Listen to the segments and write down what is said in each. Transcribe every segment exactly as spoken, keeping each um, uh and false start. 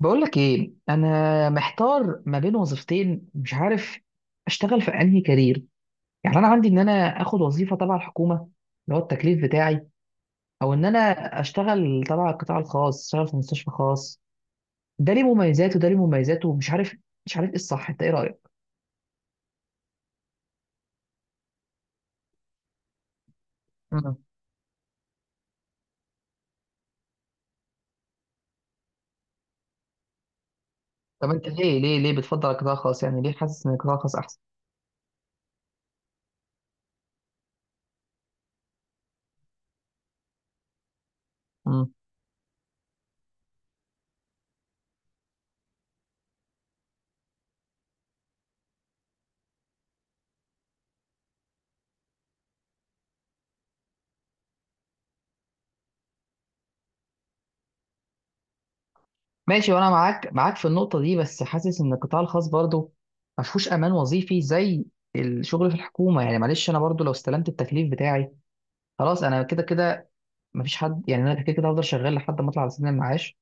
بقولك ايه، انا محتار ما بين وظيفتين، مش عارف اشتغل في انهي كارير. يعني انا عندي ان انا اخد وظيفه تبع الحكومه اللي هو التكليف بتاعي، او ان انا اشتغل تبع القطاع الخاص، اشتغل في مستشفى خاص. ده ليه مميزاته وده ليه مميزاته ومش عارف، مش عارف ايه الصح، انت ايه رايك؟ امم طب انت ليه ليه ليه بتفضل القطاع الخاص، يعني ليه حاسس ان القطاع الخاص احسن؟ مم. ماشي، وانا معاك معاك في النقطه دي، بس حاسس ان القطاع الخاص برضه ما فيهوش امان وظيفي زي الشغل في الحكومه. يعني معلش انا برضه لو استلمت التكليف بتاعي خلاص انا كده كده ما فيش حد، يعني انا كده كده هفضل شغال لحد ما اطلع على سن المعاش،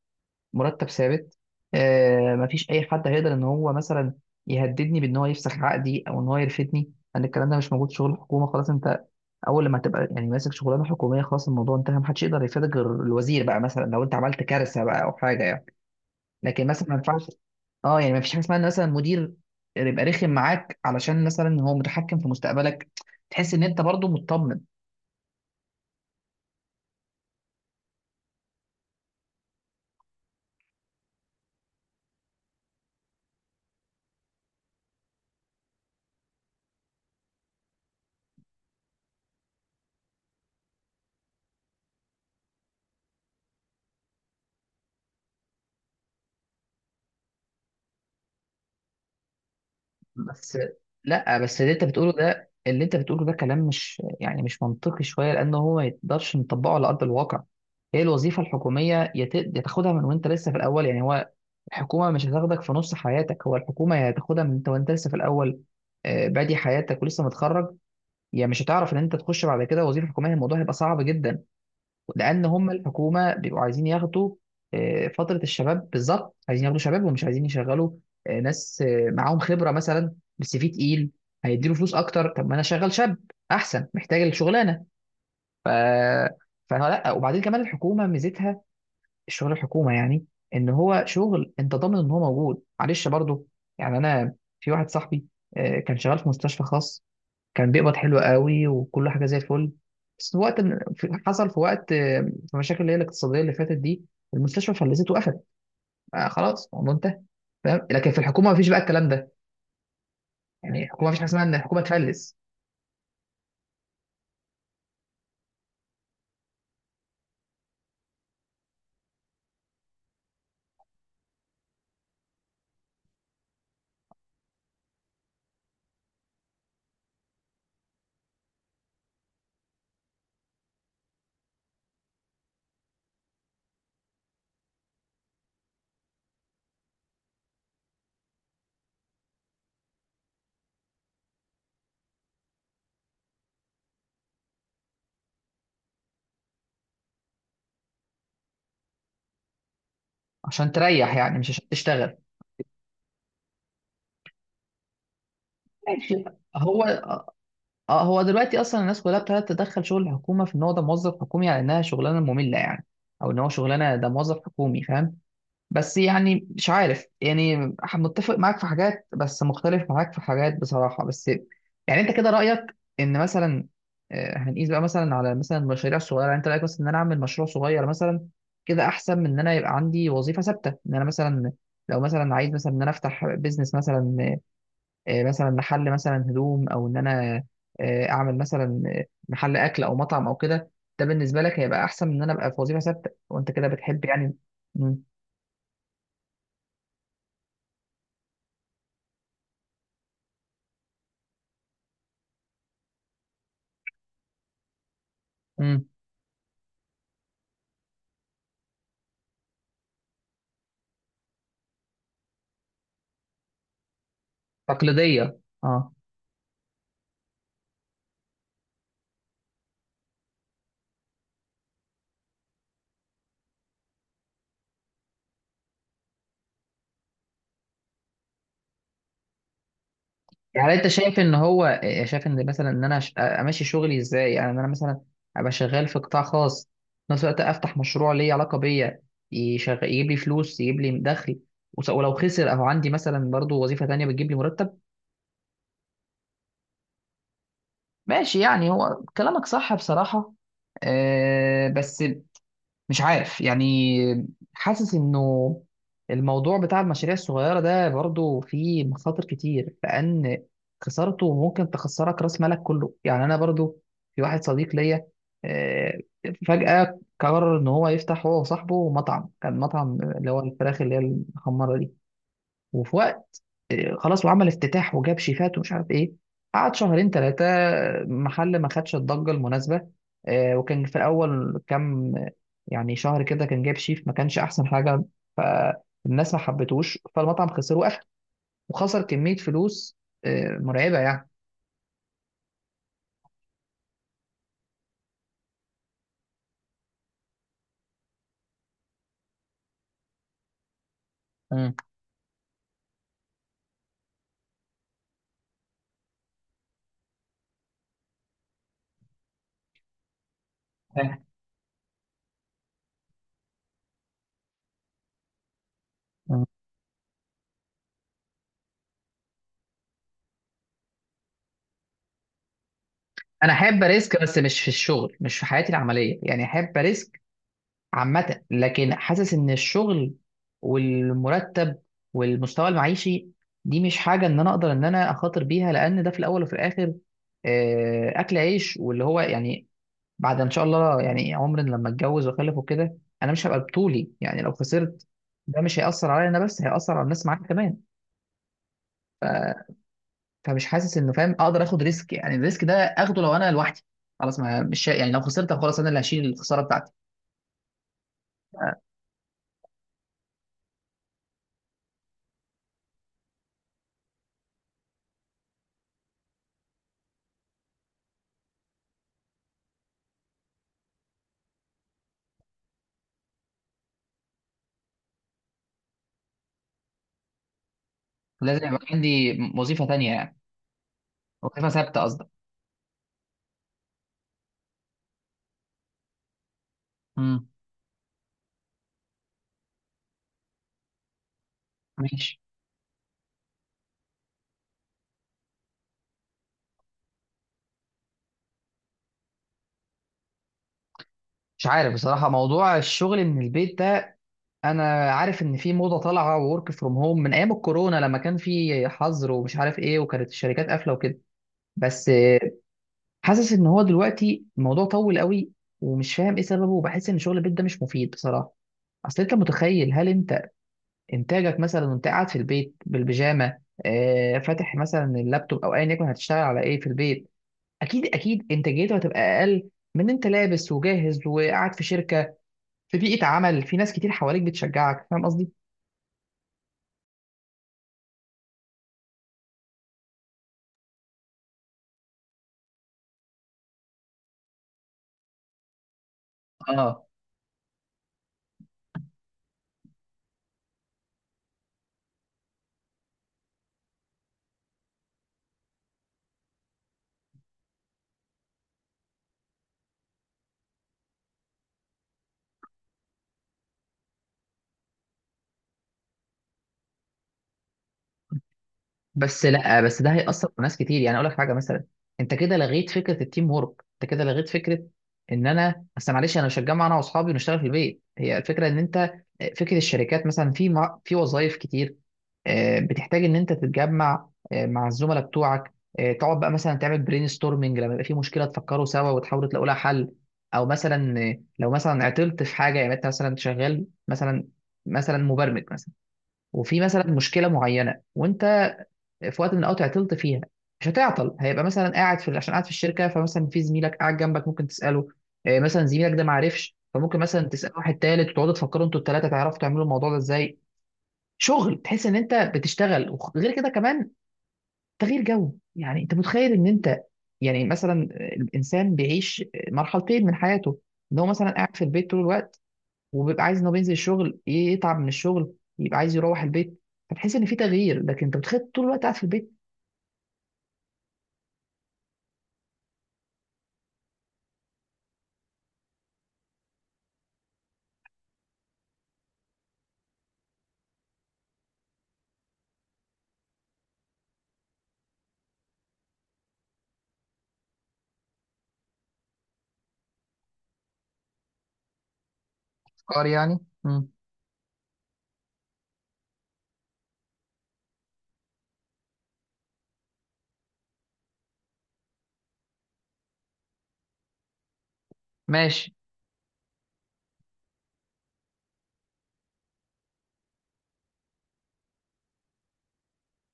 مرتب ثابت. آه، ما فيش اي حد هيقدر ان هو مثلا يهددني بان هو يفسخ عقدي او ان هو يرفدني، لان الكلام ده مش موجود في شغل الحكومه. خلاص، انت اول لما تبقى يعني ماسك شغلانه حكوميه خلاص الموضوع انتهى، محدش يقدر يفيدك غير الوزير بقى، مثلا لو انت عملت كارثه بقى او حاجه يعني. لكن مثلا ما ينفعش، اه يعني ما فيش حاجه اسمها ان مثلا مدير يبقى رخم معاك علشان مثلا هو متحكم في مستقبلك، تحس ان انت برضو مطمن. بس لا، بس اللي انت بتقوله ده، اللي انت بتقوله ده كلام مش يعني مش منطقي شويه، لان هو ما يقدرش نطبقه على ارض الواقع. هي الوظيفه الحكوميه يت- يا تاخدها من وانت لسه في الاول يعني. هو الحكومه مش هتاخدك في نص حياتك، هو الحكومه يا تاخدها من انت وانت لسه في الاول، آه، بادي حياتك ولسه متخرج. يا مش هتعرف ان انت تخش بعد كده وظيفه حكوميه، الموضوع هيبقى صعب جدا. لان هم الحكومه بيبقوا عايزين ياخدوا آه، فتره الشباب، بالظبط عايزين ياخدوا شباب ومش عايزين يشغلوا آه، ناس آه، معاهم خبره مثلا، بس في تقيل هيديله فلوس اكتر. طب ما انا شغال شاب احسن، محتاج الشغلانه. ف فلا، وبعدين كمان الحكومه ميزتها الشغل الحكومه يعني ان هو شغل انت ضامن ان هو موجود، معلش برضه. يعني انا في واحد صاحبي آه، كان شغال في مستشفى خاص، كان بيقبض حلو قوي وكل حاجه زي الفل. بس في وقت من- في- حصل في وقت آه، في مشاكل اللي هي الاقتصاديه اللي فاتت دي، المستشفى فلست، وقفت. آه خلاص الموضوع انتهى، فاهم؟ لكن في الحكومه مفيش بقى الكلام ده، يعني الحكومه مفيش حاجه اسمها ان الحكومه تفلس. عشان تريح يعني، مش عشان تشتغل. ماشي، هو آه، هو دلوقتي اصلا الناس كلها ابتدت تدخل شغل الحكومه في ان هو ده موظف حكومي على انها شغلانه ممله يعني، او ان هو شغلانه ده موظف حكومي، فاهم؟ بس يعني مش عارف، يعني ح- متفق معاك في حاجات بس مختلف معاك في حاجات بصراحة. بس يعني انت كده رأيك ان مثلا آه، هنقيس بقى مثلا على مثلا المشاريع الصغيرة، يعني انت رأيك مثلا ان انا اعمل مشروع صغير مثلا كده احسن من ان انا يبقى عندي وظيفة ثابتة، ان انا مثلا لو مثلا عايز مثلا ان انا افتح بيزنس مثلا، آه، مثلا محل مثلا هدوم، او ان انا آه، اعمل مثلا آه، محل اكل او مطعم او كده، ده بالنسبة لك هيبقى احسن من ان انا ابقى في وظيفة ثابتة، وانت كده بتحب يعني. مم. تقليدية. اه. يعني انت شايف ان هو آه، شايف ان مثلا ان انا أش- آه، امشي شغلي ازاي، يعني ان انا مثلا ابقى شغال في قطاع خاص، في نفس الوقت افتح مشروع ليه علاقه بيا، يشغل يجيب لي فلوس يجيب لي دخل، وس- ولو خسر او عندي مثلا برضو وظيفه تانية بتجيب لي مرتب. ماشي، يعني هو كلامك صح بصراحه، آه، بس مش عارف يعني، حاسس انه الموضوع بتاع المشاريع الصغيرة ده برضو فيه مخاطر كتير، لأن خسارته ممكن تخسرك رأس مالك كله. يعني أنا برضو في واحد صديق ليا آه، فجأة قرر إن هو يفتح هو وصاحبه مطعم، كان مطعم اللي هو الفراخ اللي هي المحمرة دي. وفي وقت إيه، خلاص، وعمل افتتاح وجاب شيفات ومش عارف ايه. قعد شهرين ثلاثة، محل ما خدش الضجة المناسبة. آه، وكان في الأول كام يعني شهر كده كان جايب شيف ما كانش أحسن حاجة، فالناس ما حبتوش، فالمطعم خسر وقفل. وخسر كمية فلوس آه، مرعبة يعني. مم. فاهم. مم. أنا أحب أريسك بس مش في الشغل، مش في حياتي العملية، يعني أحب أريسك عامة، لكن حاسس إن الشغل والمرتب والمستوى المعيشي دي مش حاجة إن أنا أقدر إن أنا أخاطر بيها، لأن ده في الأول وفي الآخر آه، أكل عيش واللي هو يعني، بعد إن شاء الله يعني عمر لما أتجوز وأخلف وكده أنا مش هبقى بطولي يعني لو خسرت ده مش هيأثر عليا أنا بس، هيأثر على الناس معايا كمان. فمش حاسس إنه، فاهم، أقدر آخد ريسك، يعني الريسك ده آخده لو أنا لوحدي خلاص، ما مش يعني لو خسرت خلاص أنا اللي هشيل الخسارة بتاعتي. لازم يبقى عندي وظيفة تانية يعني، وظيفة ثابتة قصدي. امم ماشي. مش عارف بصراحة، موضوع الشغل من البيت ده أنا عارف إن في موضة طالعة، وورك فروم هوم، من أيام الكورونا لما كان في حظر ومش عارف إيه وكانت الشركات قافلة وكده. بس آه، حاسس إن هو دلوقتي الموضوع طول قوي، ومش فاهم إيه سببه، وبحس إن شغل البيت ده مش مفيد بصراحة. أصل أنت متخيل، هل أنت إنتاجك مثلا وأنت قاعد في البيت بالبيجامة، آه، فاتح مثلا اللابتوب أو أيا يكن، هتشتغل على إيه في البيت؟ أكيد أكيد إنتاجيته هتبقى أقل من أنت لابس وجاهز وقاعد في شركة، في بيئة عمل، في ناس كتير حواليك بتشجعك، فاهم قصدي؟ اه، بس لا، بس ده هيأثر في ناس كتير، يعني اقول لك حاجه مثلا، انت كده لغيت فكره التيم وورك، انت كده لغيت فكره ان انا بس، معلش انا مش هتجمع انا واصحابي ونشتغل في البيت، هي الفكره ان انت فكره الشركات مثلا في مع- في وظائف كتير آه، بتحتاج ان انت تتجمع آه، مع الزملاء بتوعك، آه، تقعد بقى مثلا تعمل برين ستورمنج لما يبقى في مشكله تفكروا سوا وتحاولوا تلاقوا لها حل. او مثلا آه، لو مثلا عطلت في حاجه، يعني انت مثلا شغال مثلا مثلا مبرمج مثلا، وفي مثلا مشكله معينه وانت في وقت من الاوقات عطلت فيها، مش هتعطل، هيبقى مثلا قاعد في عشان قاعد في الشركه، فمثلا في زميلك قاعد جنبك ممكن تساله، آه، مثلا زميلك ده ما عرفش، فممكن مثلا تسال واحد تالت وتقعدوا تفكروا انتوا التلاته تعرفوا تعملوا الموضوع ده ازاي. شغل، تحس ان انت بتشتغل، وغير كده كمان تغيير جو. يعني انت متخيل ان انت، يعني مثلا الانسان بيعيش مرحلتين من حياته، ان هو مثلا قاعد في البيت طول الوقت، وبيبقى عايز ان هو بينزل الشغل يتعب من الشغل يبقى عايز يروح البيت، فتحس ان في تغيير، لكن انت بتخيل طول الوقت قاعد في البيت. افكار يعني. ماشي،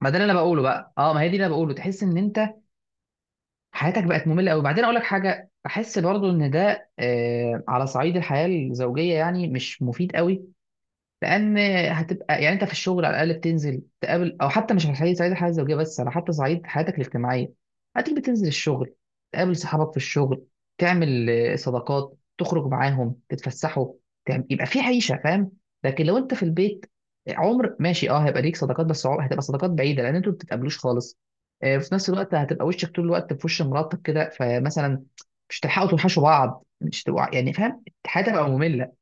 ما ده اللي انا بقوله بقى، اه، ما هي دي اللي انا بقوله، تحس ان انت حياتك بقت ممله قوي. وبعدين اقول لك حاجه، بحس برضو ان ده آه على صعيد الحياه الزوجيه يعني مش مفيد قوي، لان هتبقى يعني انت في الشغل على الاقل بتنزل تقابل، او حتى مش حي- صعيد الحياه الزوجيه، بس على حتى صعيد حياتك الاجتماعيه، هتيجي بتنزل الشغل تقابل صحابك في الشغل، تعمل آه، صداقات تخرج معاهم تتفسحوا، تعمل يبقى في عيشه، فاهم؟ لكن لو انت في البيت عمر، ماشي، اه هيبقى ليك صداقات، بس عمر هتبقى صداقات بعيده لان انتوا ما بتتقابلوش خالص. آه، في نفس الوقت هتبقى وشك طول الوقت في وش مراتك كده، فمثلا مش هتلحقوا توحشوا بعض، مش تبقوا يعني، فاهم؟ حياتك هتبقى ممله.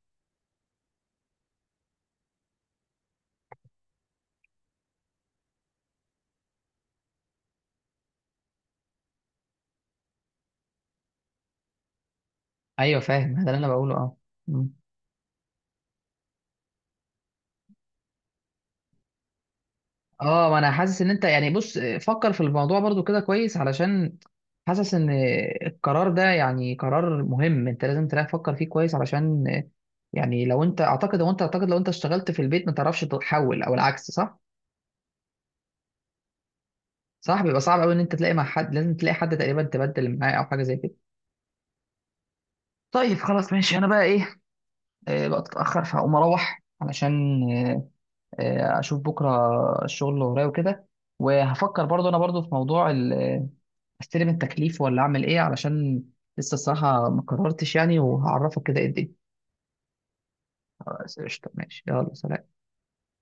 ايوه فاهم، هذا اللي انا بقوله، اه. مم. اه، ما انا حاسس ان انت يعني، بص فكر في الموضوع برضو كده كويس، علشان حاسس ان القرار ده يعني قرار مهم، انت لازم تفكر فيه كويس، علشان يعني لو انت اعتقد لو انت اعتقد لو انت اشتغلت في البيت ما تعرفش تحول، او العكس صح. صح، بيبقى صعب قوي ان انت تلاقي مع حد، لازم تلاقي حد تقريبا تبدل معاه او حاجه زي كده. طيب، خلاص ماشي، انا بقى ايه، آه، بقى تتاخر فهقوم اروح علشان آه، اشوف بكره الشغل اللي ورايا وكده، وهفكر برضو انا برضو في موضوع ال- آه، استلم التكليف ولا اعمل ايه، علشان لسه الصراحه ما قررتش يعني، وهعرفك كده ايه الدنيا. خلاص، قشطه، ماشي، يلا سلام.